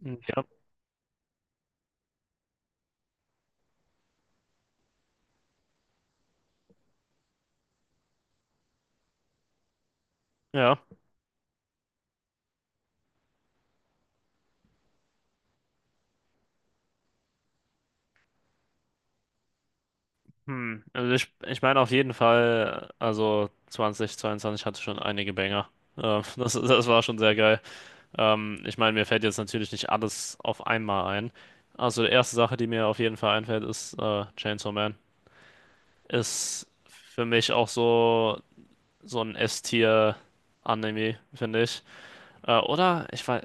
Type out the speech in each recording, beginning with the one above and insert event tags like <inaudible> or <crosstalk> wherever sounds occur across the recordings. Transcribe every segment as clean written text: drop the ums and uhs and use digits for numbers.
Ja, ja. Hm. Also ich meine auf jeden Fall, also 2022 hatte schon einige Banger. <laughs> Das war schon sehr geil. Ich meine, mir fällt jetzt natürlich nicht alles auf einmal ein. Also die erste Sache, die mir auf jeden Fall einfällt, ist Chainsaw Man. Ist für mich auch so, so ein S-Tier-Anime, finde ich. Oder? Ich weiß,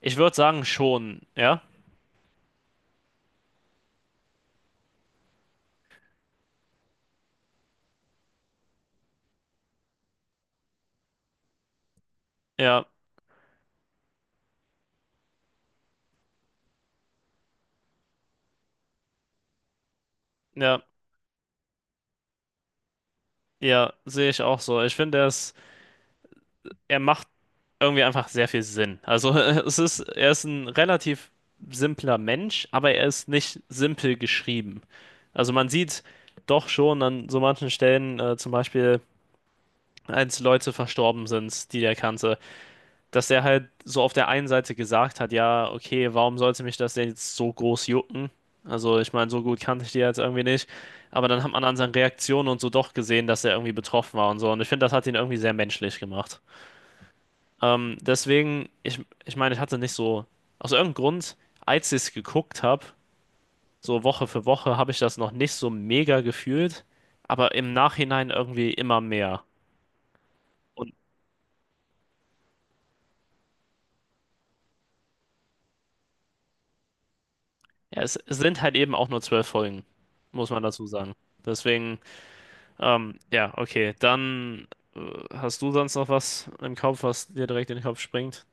ich würde sagen schon, ja. Ja, ja, ja, sehe ich auch so. Ich finde, er ist, er macht irgendwie einfach sehr viel Sinn. Also <laughs> es ist, er ist ein relativ simpler Mensch, aber er ist nicht simpel geschrieben. Also man sieht doch schon an so manchen Stellen, zum Beispiel als Leute verstorben sind, die der kannte, dass er halt so auf der einen Seite gesagt hat, ja, okay, warum sollte mich das denn jetzt so groß jucken? Also ich meine, so gut kannte ich die jetzt irgendwie nicht. Aber dann hat man an seinen Reaktionen und so doch gesehen, dass er irgendwie betroffen war und so. Und ich finde, das hat ihn irgendwie sehr menschlich gemacht. Deswegen, ich meine, ich hatte nicht so, aus irgendeinem Grund, als ich es geguckt habe, so Woche für Woche, habe ich das noch nicht so mega gefühlt, aber im Nachhinein irgendwie immer mehr. Und ja, es sind halt eben auch nur 12 Folgen, muss man dazu sagen. Deswegen, ja, okay, dann äh, hast du sonst noch was im Kopf, was dir direkt in den Kopf springt?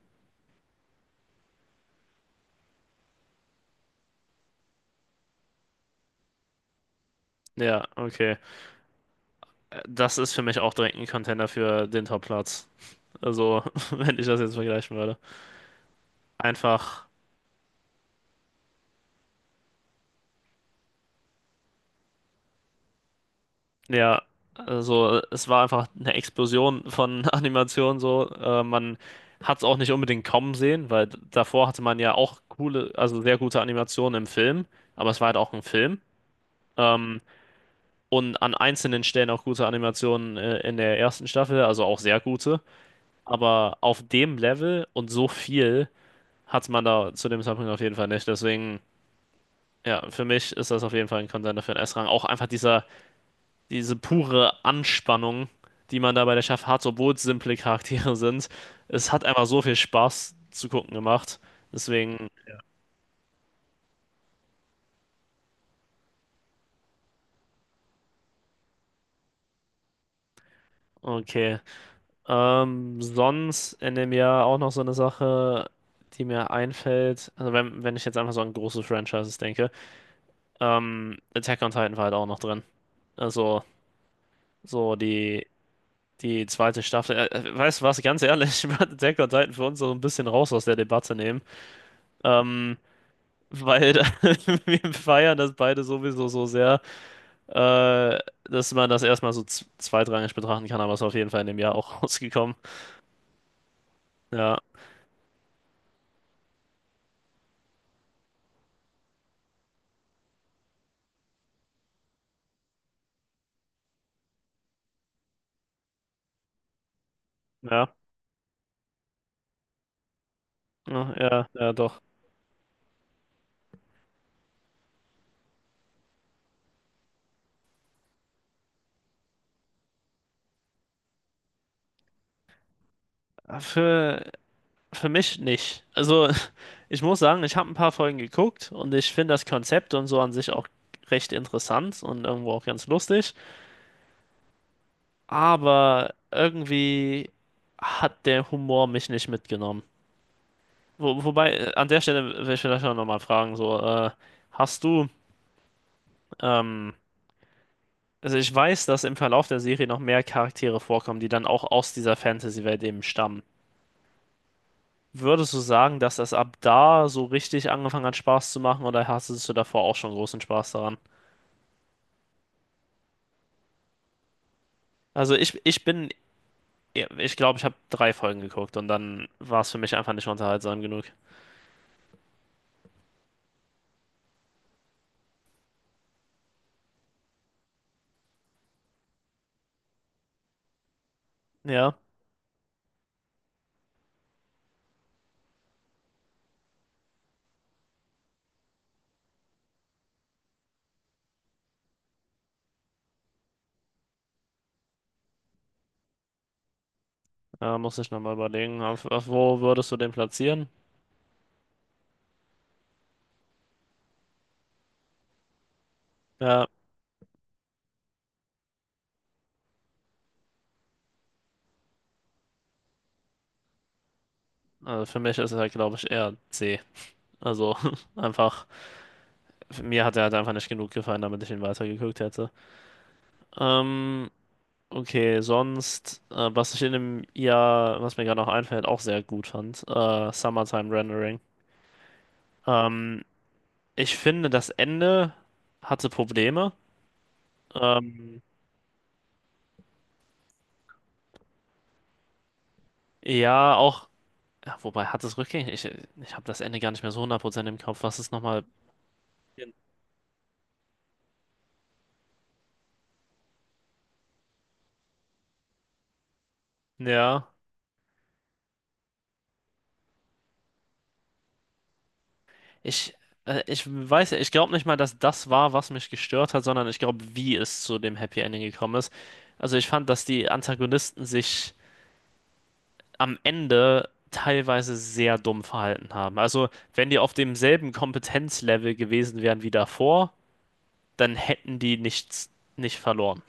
Ja, okay. Das ist für mich auch direkt ein Contender für den Top-Platz. Also, <laughs> wenn ich das jetzt vergleichen würde. Einfach. Ja, also es war einfach eine Explosion von <laughs> Animationen so. Man hat es auch nicht unbedingt kommen sehen, weil davor hatte man ja auch coole, also sehr gute Animationen im Film, aber es war halt auch ein Film. Ähm, und an einzelnen Stellen auch gute Animationen in der ersten Staffel, also auch sehr gute. Aber auf dem Level und so viel hat man da zu dem Zeitpunkt auf jeden Fall nicht. Deswegen, ja, für mich ist das auf jeden Fall ein Contender für den S-Rang. Auch einfach diese pure Anspannung, die man da bei der Staffel hat, obwohl es simple Charaktere sind. Es hat einfach so viel Spaß zu gucken gemacht. Deswegen, okay. Sonst in dem Jahr auch noch so eine Sache, die mir einfällt. Also wenn ich jetzt einfach so an große Franchises denke, Attack on Titan war halt auch noch drin. Also so die, die zweite Staffel. Weißt du was, ganz ehrlich, <laughs> ich würde Attack on Titan für uns so ein bisschen raus aus der Debatte nehmen. Ähm, weil <laughs> wir feiern das beide sowieso so sehr, äh, dass man das erstmal so zweitrangig betrachten kann, aber es ist auf jeden Fall in dem Jahr auch <laughs> rausgekommen. Ja, ja, ja, ja, ja, doch. Für, für mich nicht. Also, <laughs> ich muss sagen, ich habe ein paar Folgen geguckt und ich finde das Konzept und so an sich auch recht interessant und irgendwo auch ganz lustig, aber irgendwie hat der Humor mich nicht mitgenommen. Wo, wobei, an der Stelle will ich vielleicht auch nochmal fragen, so, hast du, ähm, also ich weiß, dass im Verlauf der Serie noch mehr Charaktere vorkommen, die dann auch aus dieser Fantasy-Welt eben stammen. Würdest du sagen, dass das ab da so richtig angefangen hat, Spaß zu machen, oder hattest du davor auch schon großen Spaß daran? Also ich bin, ja, ich glaube, ich habe drei Folgen geguckt und dann war es für mich einfach nicht unterhaltsam genug. Ja, muss ich nochmal überlegen, auf wo würdest du den platzieren? Ja, also für mich ist er, glaube ich, eher C. Also <laughs> einfach, mir hat er halt einfach nicht genug gefallen, damit ich ihn weitergeguckt hätte. Ähm, okay, sonst, was ich in dem Jahr, was mir gerade noch einfällt, auch sehr gut fand, Summertime Rendering. Ähm, ich finde, das Ende hatte Probleme. Ähm, ja, auch, ja, wobei hat es rückgängig, ich habe das Ende gar nicht mehr so 100% im Kopf, was ist nochmal, ja. Ich, ich weiß ja, ich glaube nicht mal, dass das war, was mich gestört hat, sondern ich glaube, wie es zu dem Happy Ending gekommen ist. Also ich fand, dass die Antagonisten sich am Ende teilweise sehr dumm verhalten haben. Also wenn die auf demselben Kompetenzlevel gewesen wären wie davor, dann hätten die nichts nicht verloren.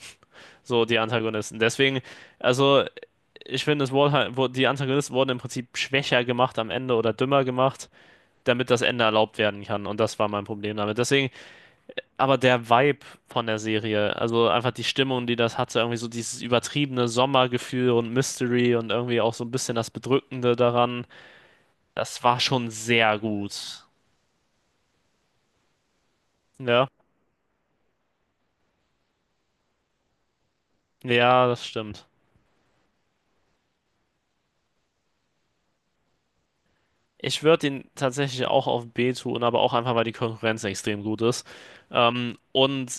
So die Antagonisten. Deswegen, also ich finde, es wurde halt, wurde, die Antagonisten wurden im Prinzip schwächer gemacht am Ende oder dümmer gemacht, damit das Ende erlaubt werden kann. Und das war mein Problem damit. Deswegen aber der Vibe von der Serie, also einfach die Stimmung, die das hatte, irgendwie so dieses übertriebene Sommergefühl und Mystery und irgendwie auch so ein bisschen das Bedrückende daran, das war schon sehr gut. Ja, ja, das stimmt. Ich würde ihn tatsächlich auch auf B tun, aber auch einfach, weil die Konkurrenz extrem gut ist. Und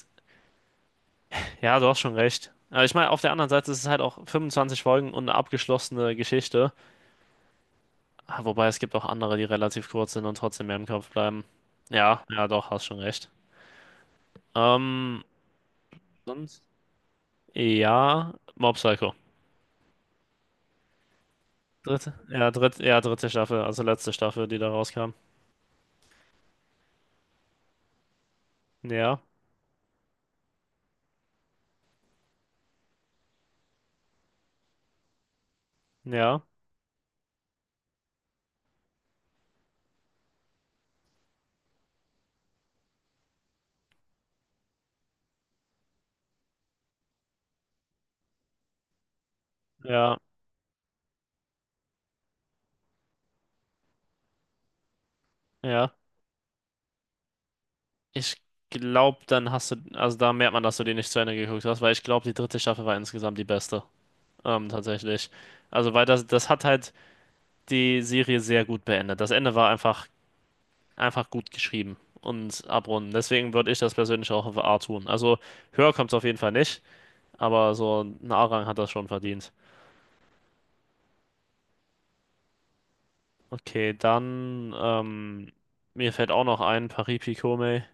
ja, du hast schon recht. Aber ich meine, auf der anderen Seite ist es halt auch 25 Folgen und eine abgeschlossene Geschichte. Ah, wobei es gibt auch andere, die relativ kurz sind und trotzdem mehr im Kopf bleiben. Ja, ja, doch, hast schon recht. Ähm, Sonst? Ja, Mob Psycho. Dritte, ja, ja, dritte Staffel, also letzte Staffel, die da rauskam. Ja, ja, ja, ja. Ich glaube, dann hast du, also da merkt man, dass du die nicht zu Ende geguckt hast, weil ich glaube, die dritte Staffel war insgesamt die beste. Tatsächlich. Also, weil das hat halt die Serie sehr gut beendet. Das Ende war einfach, einfach gut geschrieben und abrunden. Deswegen würde ich das persönlich auch auf A tun. Also, höher kommt es auf jeden Fall nicht, aber so ein A-Rang hat das schon verdient. Okay, dann, mir fällt auch noch ein, Paris Picome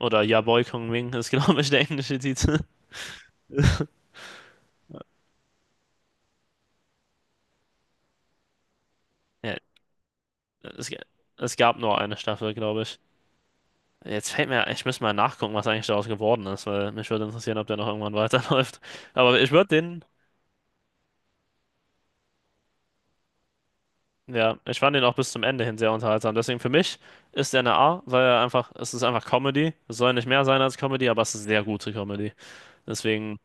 oder Yaboy Kongming ist, <laughs> glaube ich, der englische Titel. Ja, es, es gab nur eine Staffel, glaube ich. Jetzt fällt mir, ich müsste mal nachgucken, was eigentlich daraus geworden ist, weil mich würde interessieren, ob der noch irgendwann <laughs> weiterläuft. Aber ich würde den, ja, ich fand den auch bis zum Ende hin sehr unterhaltsam. Deswegen für mich ist der eine A, weil er einfach, es ist einfach Comedy. Es soll nicht mehr sein als Comedy, aber es ist sehr gute Comedy. Deswegen,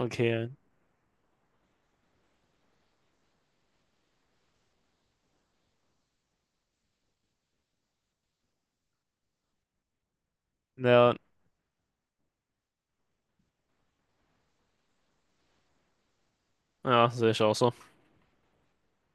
okay, ja, ja, sehe ich auch so.